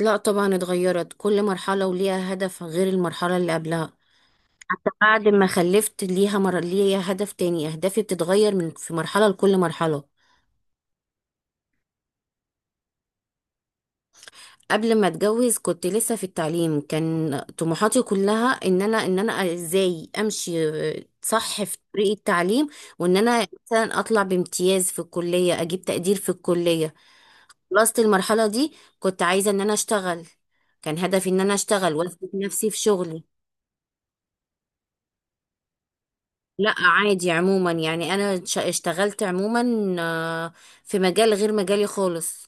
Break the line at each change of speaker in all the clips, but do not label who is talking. لا طبعا اتغيرت، كل مرحلة وليها هدف غير المرحلة اللي قبلها. حتى بعد ما خلفت ليها هدف تاني، أهدافي بتتغير من في مرحلة لكل مرحلة. قبل ما اتجوز كنت لسه في التعليم، كان طموحاتي كلها ان انا ازاي امشي صح في طريق التعليم، وان انا مثلا اطلع بامتياز في الكلية، اجيب تقدير في الكلية. خلصت المرحلة دي، كنت عايزة ان انا اشتغل. كان هدفي ان انا اشتغل واثبت نفسي في شغلي. لا عادي عموما، يعني انا اشتغلت عموما، آه، في مجال غير مجالي خالص.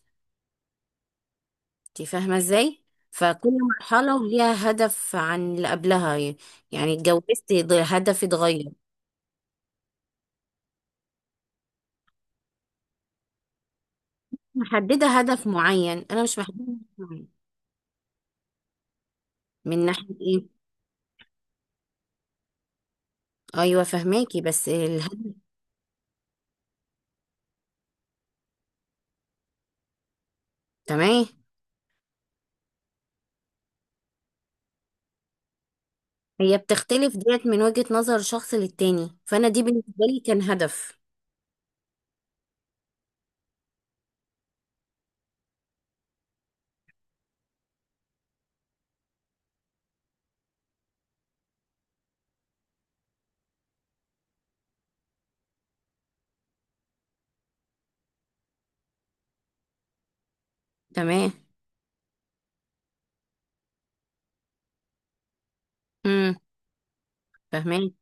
انت فاهمه ازاي. فكل مرحله وليها هدف عن اللي قبلها، يعني اتجوزت، هدفي اتغير. محدده هدف معين، انا مش محدده هدف معين. من ناحيه ايه؟ ايوه فهماكي بس الهدف. تمام. هي بتختلف ديت من وجهه نظر شخص للتاني، فانا دي بالنسبه لي كان هدف. تمام. امم فهماكي.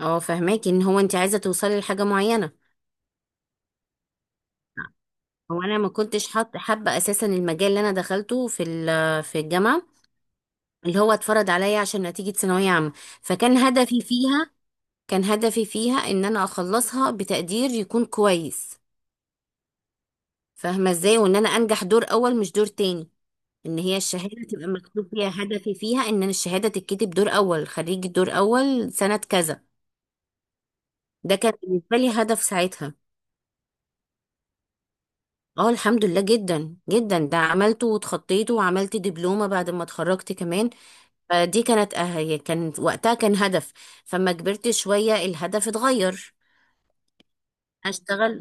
اه فهماكي ان هو انت عايزه توصلي لحاجه معينه. هو انا ما كنتش حاط حابه اساسا المجال اللي انا دخلته في الجامعه، اللي هو اتفرض عليا عشان نتيجه ثانويه عامه. فكان هدفي فيها ان انا اخلصها بتقدير يكون كويس. فاهمه ازاي، وان انا انجح دور اول مش دور تاني. ان هي الشهاده تبقى مكتوب فيها هدفي فيها ان أنا الشهاده تتكتب دور اول، خريج دور اول سنه كذا. ده كان بالنسبه لي هدف ساعتها. اه الحمد لله جدا جدا، ده عملته واتخطيته، وعملت دبلومه بعد ما اتخرجت كمان. فدي كانت هي كان وقتها كان هدف. فما كبرت شوية الهدف اتغير. اشتغل،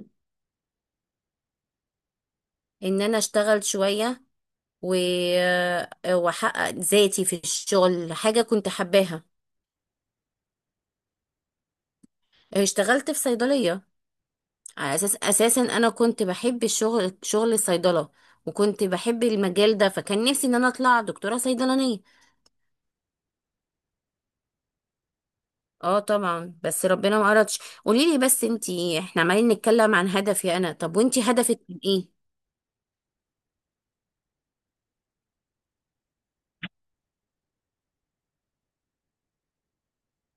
ان انا اشتغل شوية و... واحقق ذاتي في الشغل، حاجة كنت حباها. اشتغلت في صيدلية، على اساس اساسا انا كنت بحب الشغل، شغل الصيدلة، وكنت بحب المجال ده. فكان نفسي ان انا اطلع دكتورة صيدلانية. اه طبعا بس ربنا ما اردش. قولي لي بس انتي، احنا عمالين نتكلم عن هدفي انا، طب وانتي هدفك كان ايه؟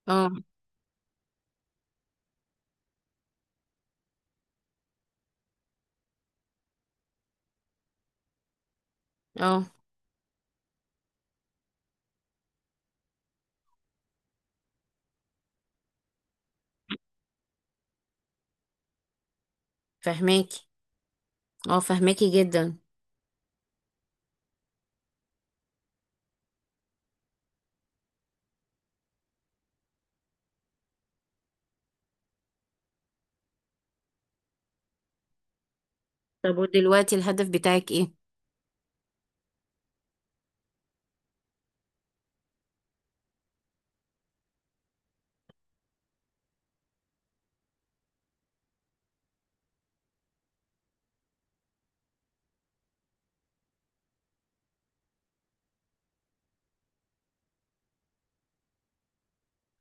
اه اه فهماكي. اه فهماكي جدا. طب ودلوقتي الهدف بتاعك ايه؟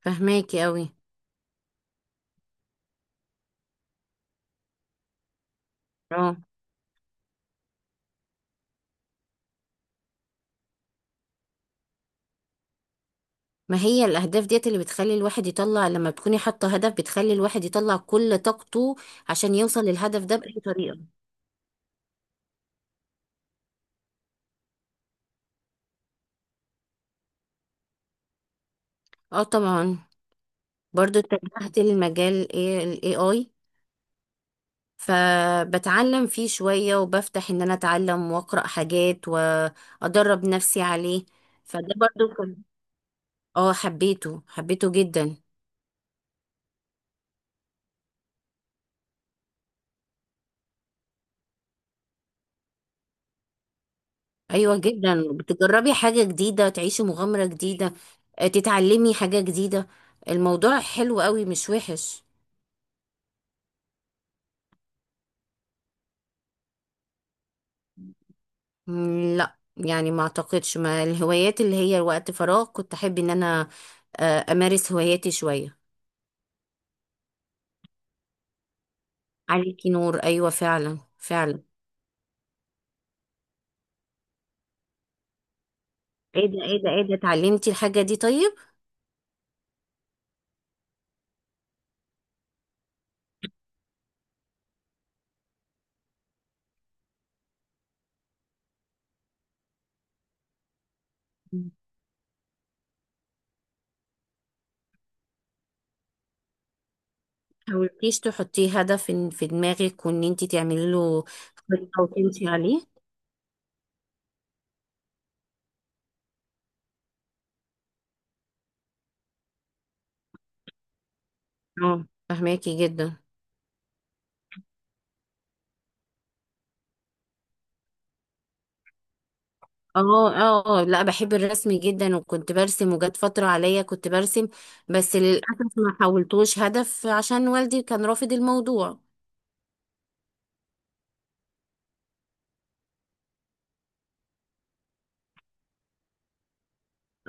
فهماكي قوي. اه. ما هي الاهداف ديت اللي بتخلي الواحد يطلع، لما بتكوني حاطه هدف بتخلي الواحد يطلع كل طاقته عشان يوصل للهدف ده باي طريقه. اه طبعا. برضو اتجهت للمجال ايه، الاي اي. فبتعلم فيه شويه، وبفتح ان انا اتعلم واقرا حاجات وادرب نفسي عليه. فده برضو كان اه، حبيته حبيته جدا. ايوه جدا، بتجربي حاجه جديده، تعيشي مغامره جديده، تتعلمي حاجه جديده. الموضوع حلو قوي، مش وحش. لا يعني ما اعتقدش، ما الهوايات اللي هي وقت فراغ، كنت احب ان انا امارس هواياتي شويه. عليكي نور، ايوه فعلا فعلا. ايه ده اتعلمتي الحاجه دي طيب؟ مم. حاولتيش تحطيه هدف في دماغك، وان انت تعملي له خطه وتمشي عليه؟ اه فهماكي جدا. اه اه لا بحب الرسم جدا، وكنت برسم، وجات فترة عليا كنت برسم. بس للأسف ما حولتوش هدف عشان والدي كان رافض الموضوع.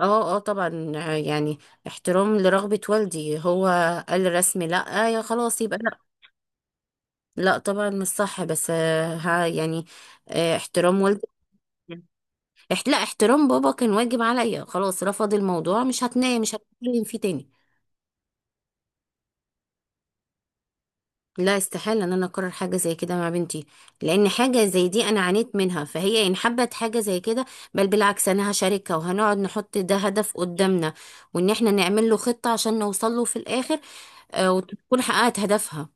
اه اه طبعا يعني احترام لرغبة والدي، هو قال الرسم لا، يا خلاص يبقى لا. لا طبعا مش صح، بس ها يعني احترام والدي. لا، احترام بابا كان واجب عليا. خلاص رفض الموضوع، مش هتنام مش هتكلم فيه تاني. لا استحالة ان انا اكرر حاجة زي كده مع بنتي، لان حاجة زي دي انا عانيت منها. فهي ان حبت حاجة زي كده، بل بالعكس انا هشاركها، وهنقعد نحط ده هدف قدامنا، وان احنا نعمل له خطة عشان نوصل له في الاخر، وتكون حققت هدفها.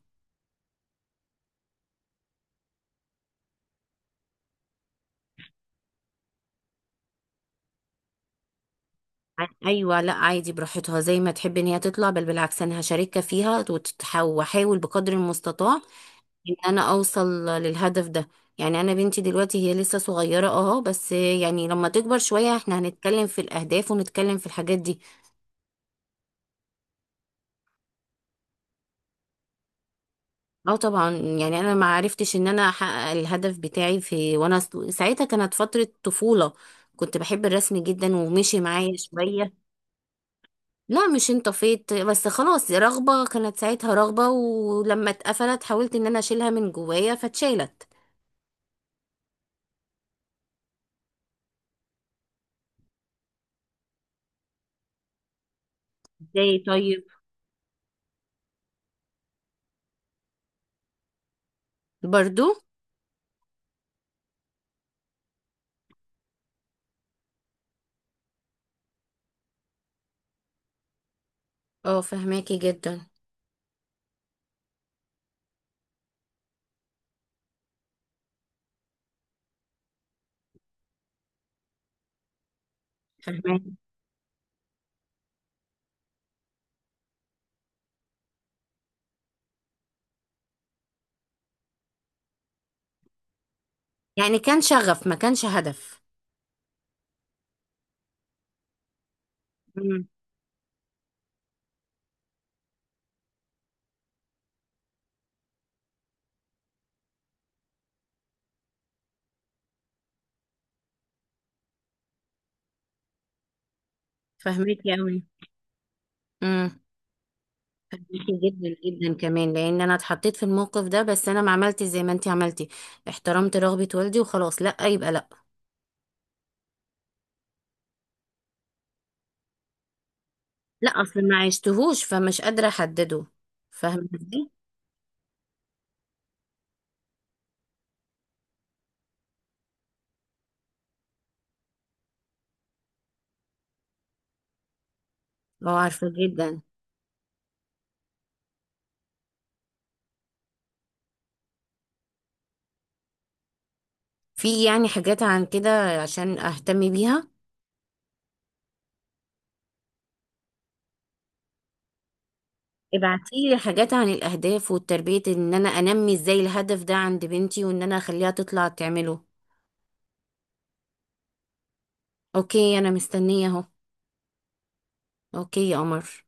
ايوه لا عادي، براحتها زي ما تحب ان هي تطلع. بل بالعكس انا هشاركها فيها، واحاول بقدر المستطاع ان انا اوصل للهدف ده. يعني انا بنتي دلوقتي هي لسه صغيرة اه، بس يعني لما تكبر شوية احنا هنتكلم في الاهداف ونتكلم في الحاجات دي. اه طبعا، يعني انا ما عرفتش ان انا احقق الهدف بتاعي في، وانا ساعتها كانت فترة طفولة. كنت بحب الرسم جدا ومشي معايا شوية. لا مش انطفيت، بس خلاص رغبة كانت ساعتها رغبة، ولما اتقفلت حاولت ان انا اشيلها من جوايا فاتشالت. ازاي طيب؟ برضو. اه فهماكي جدا. فهماكي. يعني كان شغف ما كانش هدف. امم. فهماكي قوي. جدا جدا كمان، لان انا اتحطيت في الموقف ده، بس انا ما عملتش زي ما انت عملتي. احترمت رغبة والدي وخلاص، لا يبقى لا. لا اصل ما عشتهوش، فمش قادرة احدده. فاهمة ازاي؟ اه عارفة جدا. في يعني حاجات عن كده عشان اهتم بيها. ابعتيلي حاجات عن الاهداف والتربية، ان انا انمي ازاي الهدف ده عند بنتي، وان انا اخليها تطلع تعمله. اوكي انا مستنية اهو. اوكي يا قمر.